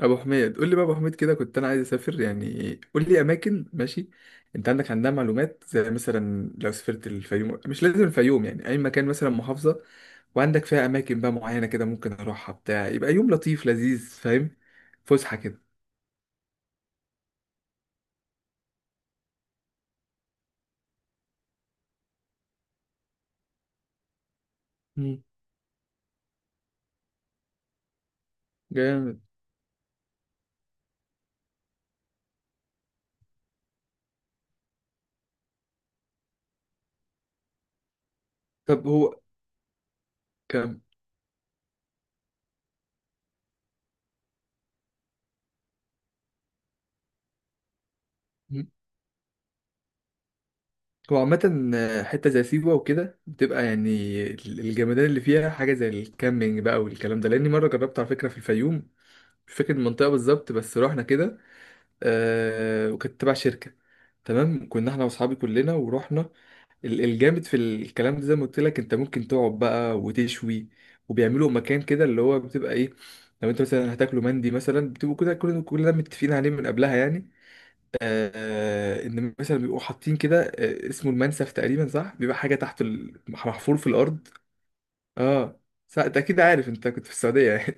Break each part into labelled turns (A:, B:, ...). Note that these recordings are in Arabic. A: ابو حميد، قول لي بقى. ابو حميد كده، كنت انا عايز اسافر يعني، قول لي اماكن. ماشي، انت عندها معلومات، زي مثلا لو سافرت الفيوم. مش لازم الفيوم يعني، اي مكان مثلا، محافظة وعندك فيها اماكن بقى معينة كده، ممكن اروحها بتاع، يبقى يوم لطيف لذيذ، فاهم، فسحة كده. مم. جامد. طب هو كم. مم. هو عامة، حتة زي سيوة وكده بتبقى يعني الجمدان اللي فيها، حاجة زي الكامبينج بقى والكلام ده، لأني مرة جربت على فكرة في الفيوم. مش فاكر المنطقة بالظبط، بس رحنا كده. وكانت تبع شركة. تمام، كنا احنا واصحابي كلنا ورحنا. الجامد في الكلام ده، زي ما قلت لك، انت ممكن تقعد بقى وتشوي، وبيعملوا مكان كده اللي هو بتبقى ايه. لو انت مثلا هتاكلوا مندي مثلا، بتبقوا كده كلنا كلنا متفقين عليه من قبلها يعني. ان مثلا بيبقوا حاطين كده، اسمه المنسف تقريبا، صح؟ بيبقى حاجه تحت، محفور في الارض. اه، صح. انت اكيد عارف، انت كنت في السعوديه يعني.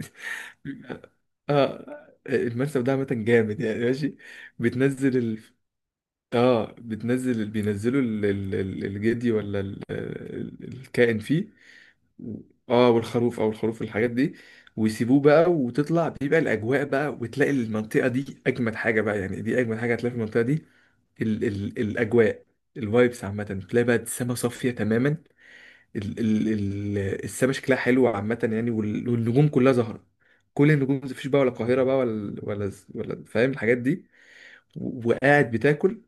A: اه. المنسف ده عامه جامد يعني، ماشي. بتنزل. اه، بتنزل، بينزلوا الجدي، ولا الكائن فيه. و- اه والخروف او الخروف الحاجات دي. ويسيبوه بقى وتطلع، بيبقى الاجواء بقى، وتلاقي المنطقه دي اجمد حاجه بقى يعني، دي اجمد حاجه هتلاقي في المنطقه دي. ال ال الاجواء، الفايبس عامه. تلاقي بقى السما صافيه تماما. ال ال ال السما شكلها حلو عامه يعني، والنجوم كلها ظاهره. كل النجوم، مفيش بقى ولا القاهره بقى، ولا، فاهم الحاجات دي. وقاعد بتاكل،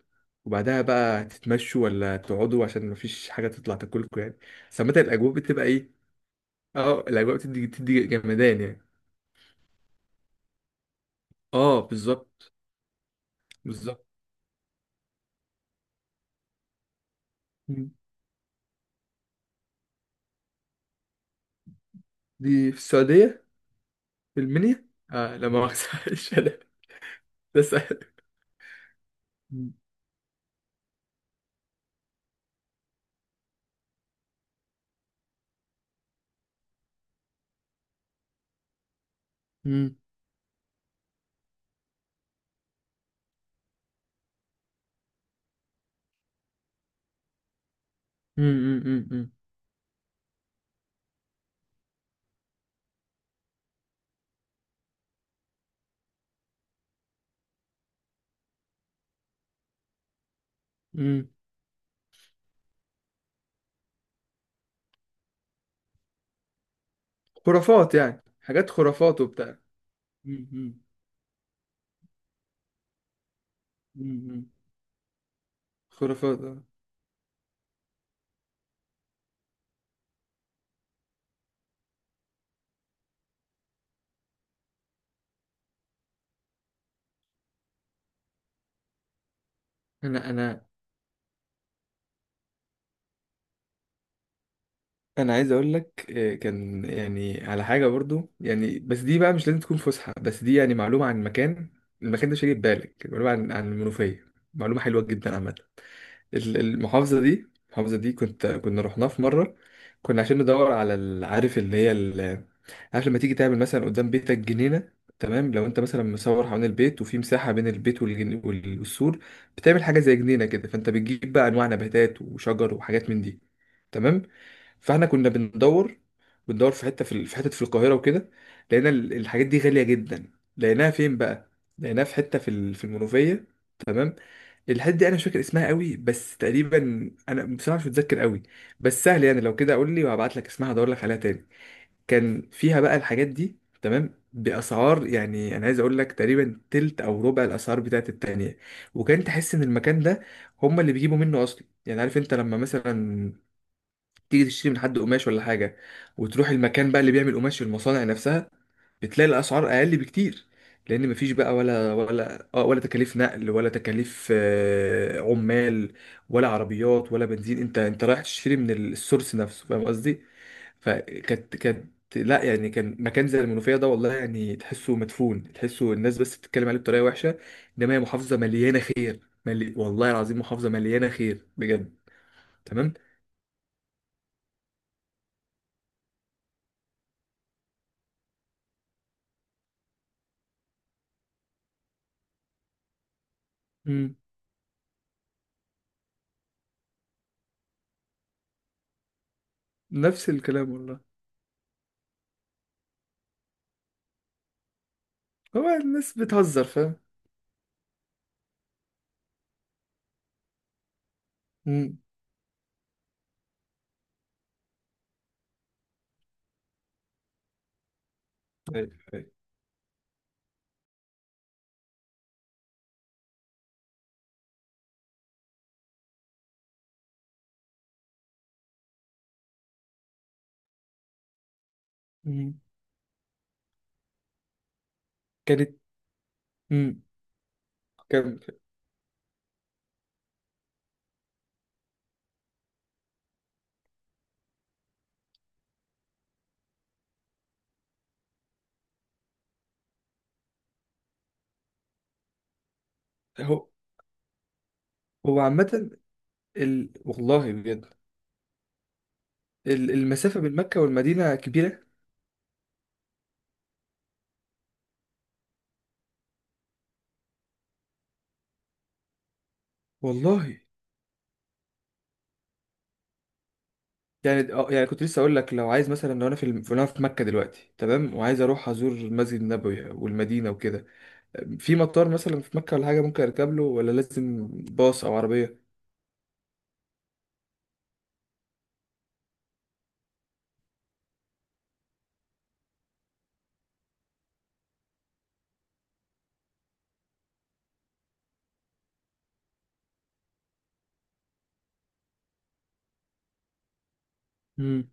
A: وبعدها بقى تتمشوا ولا تقعدوا، عشان مفيش حاجة تطلع تاكلكم يعني. بس عامة الأجواء بتبقى إيه؟ أه، الأجواء بتدي جمدان يعني. أه، بالظبط. بالظبط. مم. دي في السعودية؟ في المنيا. آه، لا مؤاخذة مش أنا. ده سهل. مم. مم. مم. مم. مم. مم. خرافات يعني، حاجات خرافات وبتاع. مم. مم. مم. مم. خرافات آه. أنا أنا انا عايز اقول لك، كان يعني على حاجه برضو يعني، بس دي بقى مش لازم تكون فسحه، بس دي يعني معلومه عن المكان. المكان ده مش هيجي في بالك، معلومه عن المنوفيه، معلومه حلوه جدا عامه. المحافظه دي، كنا رحناها في مره. كنا عشان ندور على عارف اللي هي، عارف لما تيجي تعمل مثلا قدام بيتك جنينه. تمام، لو انت مثلا مصور حوالين البيت، وفي مساحه بين البيت والسور، بتعمل حاجه زي جنينه كده، فانت بتجيب بقى انواع نباتات وشجر وحاجات من دي. تمام. فاحنا كنا بندور في حته، في حته في القاهره وكده. لقينا الحاجات دي غاليه جدا. لقيناها فين بقى؟ لقيناها في حته، في المنوفيه. تمام. الحته دي انا مش فاكر اسمها قوي، بس تقريبا، انا بصراحه مش متذكر قوي، بس سهل يعني. لو كده قول لي، وهبعت لك اسمها، هدور لك عليها تاني. كان فيها بقى الحاجات دي، تمام، باسعار، يعني انا عايز اقول لك تقريبا تلت او ربع الاسعار بتاعت التانية. وكان تحس ان المكان ده هما اللي بيجيبوا منه اصلا. يعني عارف انت، لما مثلا تيجي تشتري من حد قماش ولا حاجة، وتروح المكان بقى اللي بيعمل قماش في المصانع نفسها، بتلاقي الأسعار أقل بكتير، لأن مفيش بقى ولا ولا ولا تكاليف نقل، ولا تكاليف عمال، ولا عربيات، ولا بنزين. أنت رايح تشتري من السورس نفسه، فاهم قصدي؟ فكانت لا، يعني كان مكان زي المنوفية ده والله يعني، تحسه مدفون، تحسه الناس بس بتتكلم عليه بطريقة وحشة. إنما هي محافظة مليانة خير، والله العظيم محافظة مليانة خير بجد. تمام؟ مم. نفس الكلام والله. هو الناس بتهزر، فاهم. مم. ايوه، ايوه. مم. كانت. مم. كان. هو. هو عامة، والله بجد. المسافة بين مكة والمدينة كبيرة. والله. يعني، يعني كنت لسه اقول لك، لو عايز مثلا، لو انا في مكة دلوقتي، تمام، وعايز اروح ازور المسجد النبوي والمدينة وكده، في مطار مثلا في مكة ولا حاجة ممكن اركب له، ولا لازم باص او عربية؟ مم.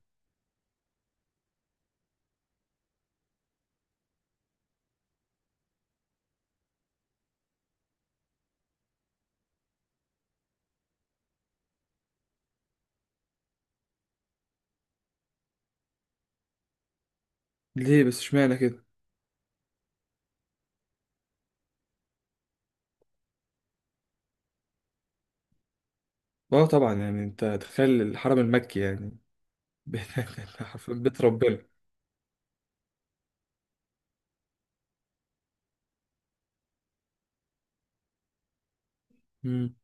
A: ليه بس، اشمعنى كده؟ اه، طبعا يعني، انت تخيل الحرم المكي يعني. بيت بيت ربنا. مم.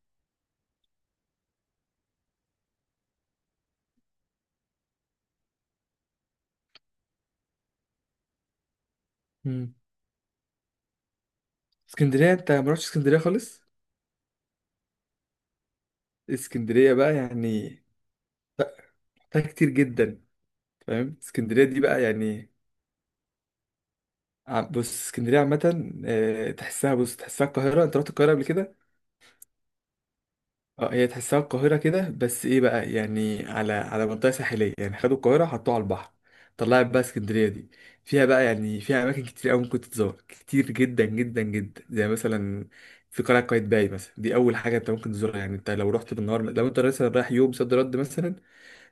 A: مم. اسكندرية، انت ما رحتش اسكندرية خالص؟ اسكندرية بقى يعني. لا، فيها كتير جدا. فاهم، اسكندرية دي بقى يعني، بص، اسكندرية عامة، تحسها القاهرة. انت رحت القاهرة قبل كده؟ اه، هي تحسها القاهرة كده، بس ايه بقى يعني، على منطقة ساحلية يعني. خدوا القاهرة حطوها على البحر، طلعت بقى اسكندرية دي. فيها بقى يعني، فيها أماكن كتير أوي ممكن تتزور كتير جدا جدا جدا، زي مثلا في قلعة قايتباي مثلا. دي أول حاجة أنت ممكن تزورها يعني. أنت لو رحت بالنهار، لو أنت مثلا رايح يوم صد رد مثلا،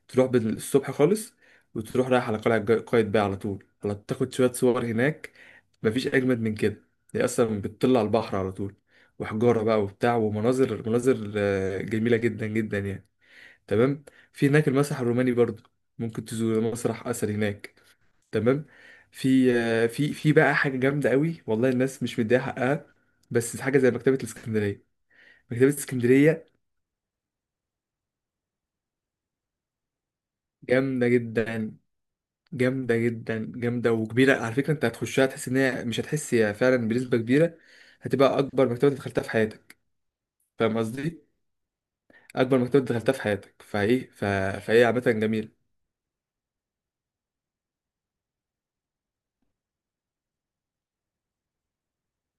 A: تروح الصبح خالص، وتروح رايح على قلعة قايتباي على طول، على تاخد شوية صور هناك. مفيش أجمد من كده. هي أصلا بتطل على البحر على طول، وحجارة بقى وبتاع، ومناظر جميلة جدا جدا يعني. تمام. في هناك المسرح الروماني برضو، ممكن تزور مسرح أثر هناك. تمام. في بقى حاجة جامدة قوي والله، الناس مش مديها حقها، بس حاجة زي مكتبة الإسكندرية. مكتبة اسكندرية جامدة جدا. جامدة جدا، جامدة، وكبيرة على فكرة. انت هتخشها، تحس ان هي، مش هتحس هي فعلا، بنسبة كبيرة هتبقى اكبر مكتبة دخلتها في حياتك. فاهم قصدي؟ اكبر مكتبة دخلتها في حياتك، فهي عامة جميلة.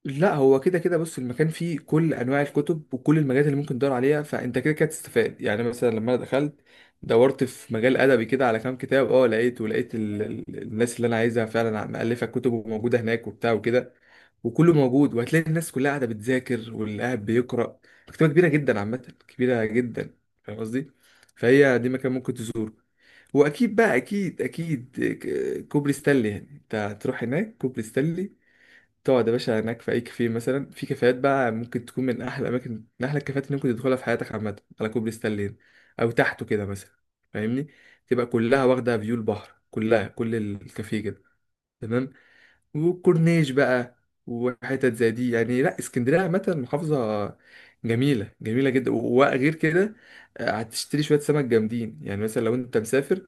A: لا، هو كده كده بص، المكان فيه كل انواع الكتب وكل المجالات اللي ممكن تدور عليها، فانت كده كده تستفاد يعني. مثلا لما انا دخلت، دورت في مجال ادبي كده على كام كتاب، لقيت، الناس اللي انا عايزها فعلا مؤلفه كتب، وموجوده هناك وبتاع وكده. وكله موجود، وهتلاقي الناس كلها قاعده بتذاكر، واللي قاعد بيقرا. مكتبه كبيره جدا عامه، كبيره جدا. فاهم قصدي. فهي دي مكان ممكن تزوره. واكيد بقى، اكيد اكيد، كوبري ستانلي، يعني انت هتروح هناك كوبري ستانلي، تقعد يا باشا هناك في اي كافيه. مثلا في كافيهات بقى ممكن تكون من احلى اماكن، من احلى الكافيهات اللي ممكن تدخلها في حياتك عامه، على كوبري ستانلين، او تحته كده مثلا. فاهمني، تبقى كلها واخده فيو البحر، كلها كل الكافيه كده. تمام. وكورنيش بقى، وحتت زي دي يعني. لا، اسكندريه عامه محافظه جميله، جميله جدا. وغير كده، هتشتري شويه سمك جامدين، يعني مثلا لو انت مسافر.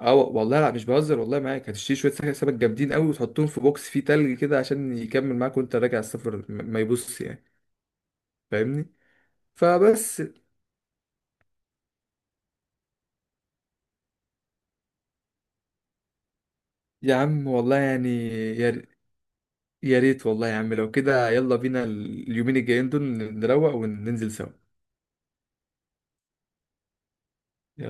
A: والله لا مش بهزر، والله معاك هتشتري شويه سمك جامدين قوي، وتحطهم في بوكس فيه تلج كده، عشان يكمل معاك وانت راجع السفر، ما يبص يعني. فاهمني، فبس. يا عم والله يعني، يا ر- يا ريت والله يا عم، لو كده يلا بينا اليومين الجايين دول، نروق وننزل سوا.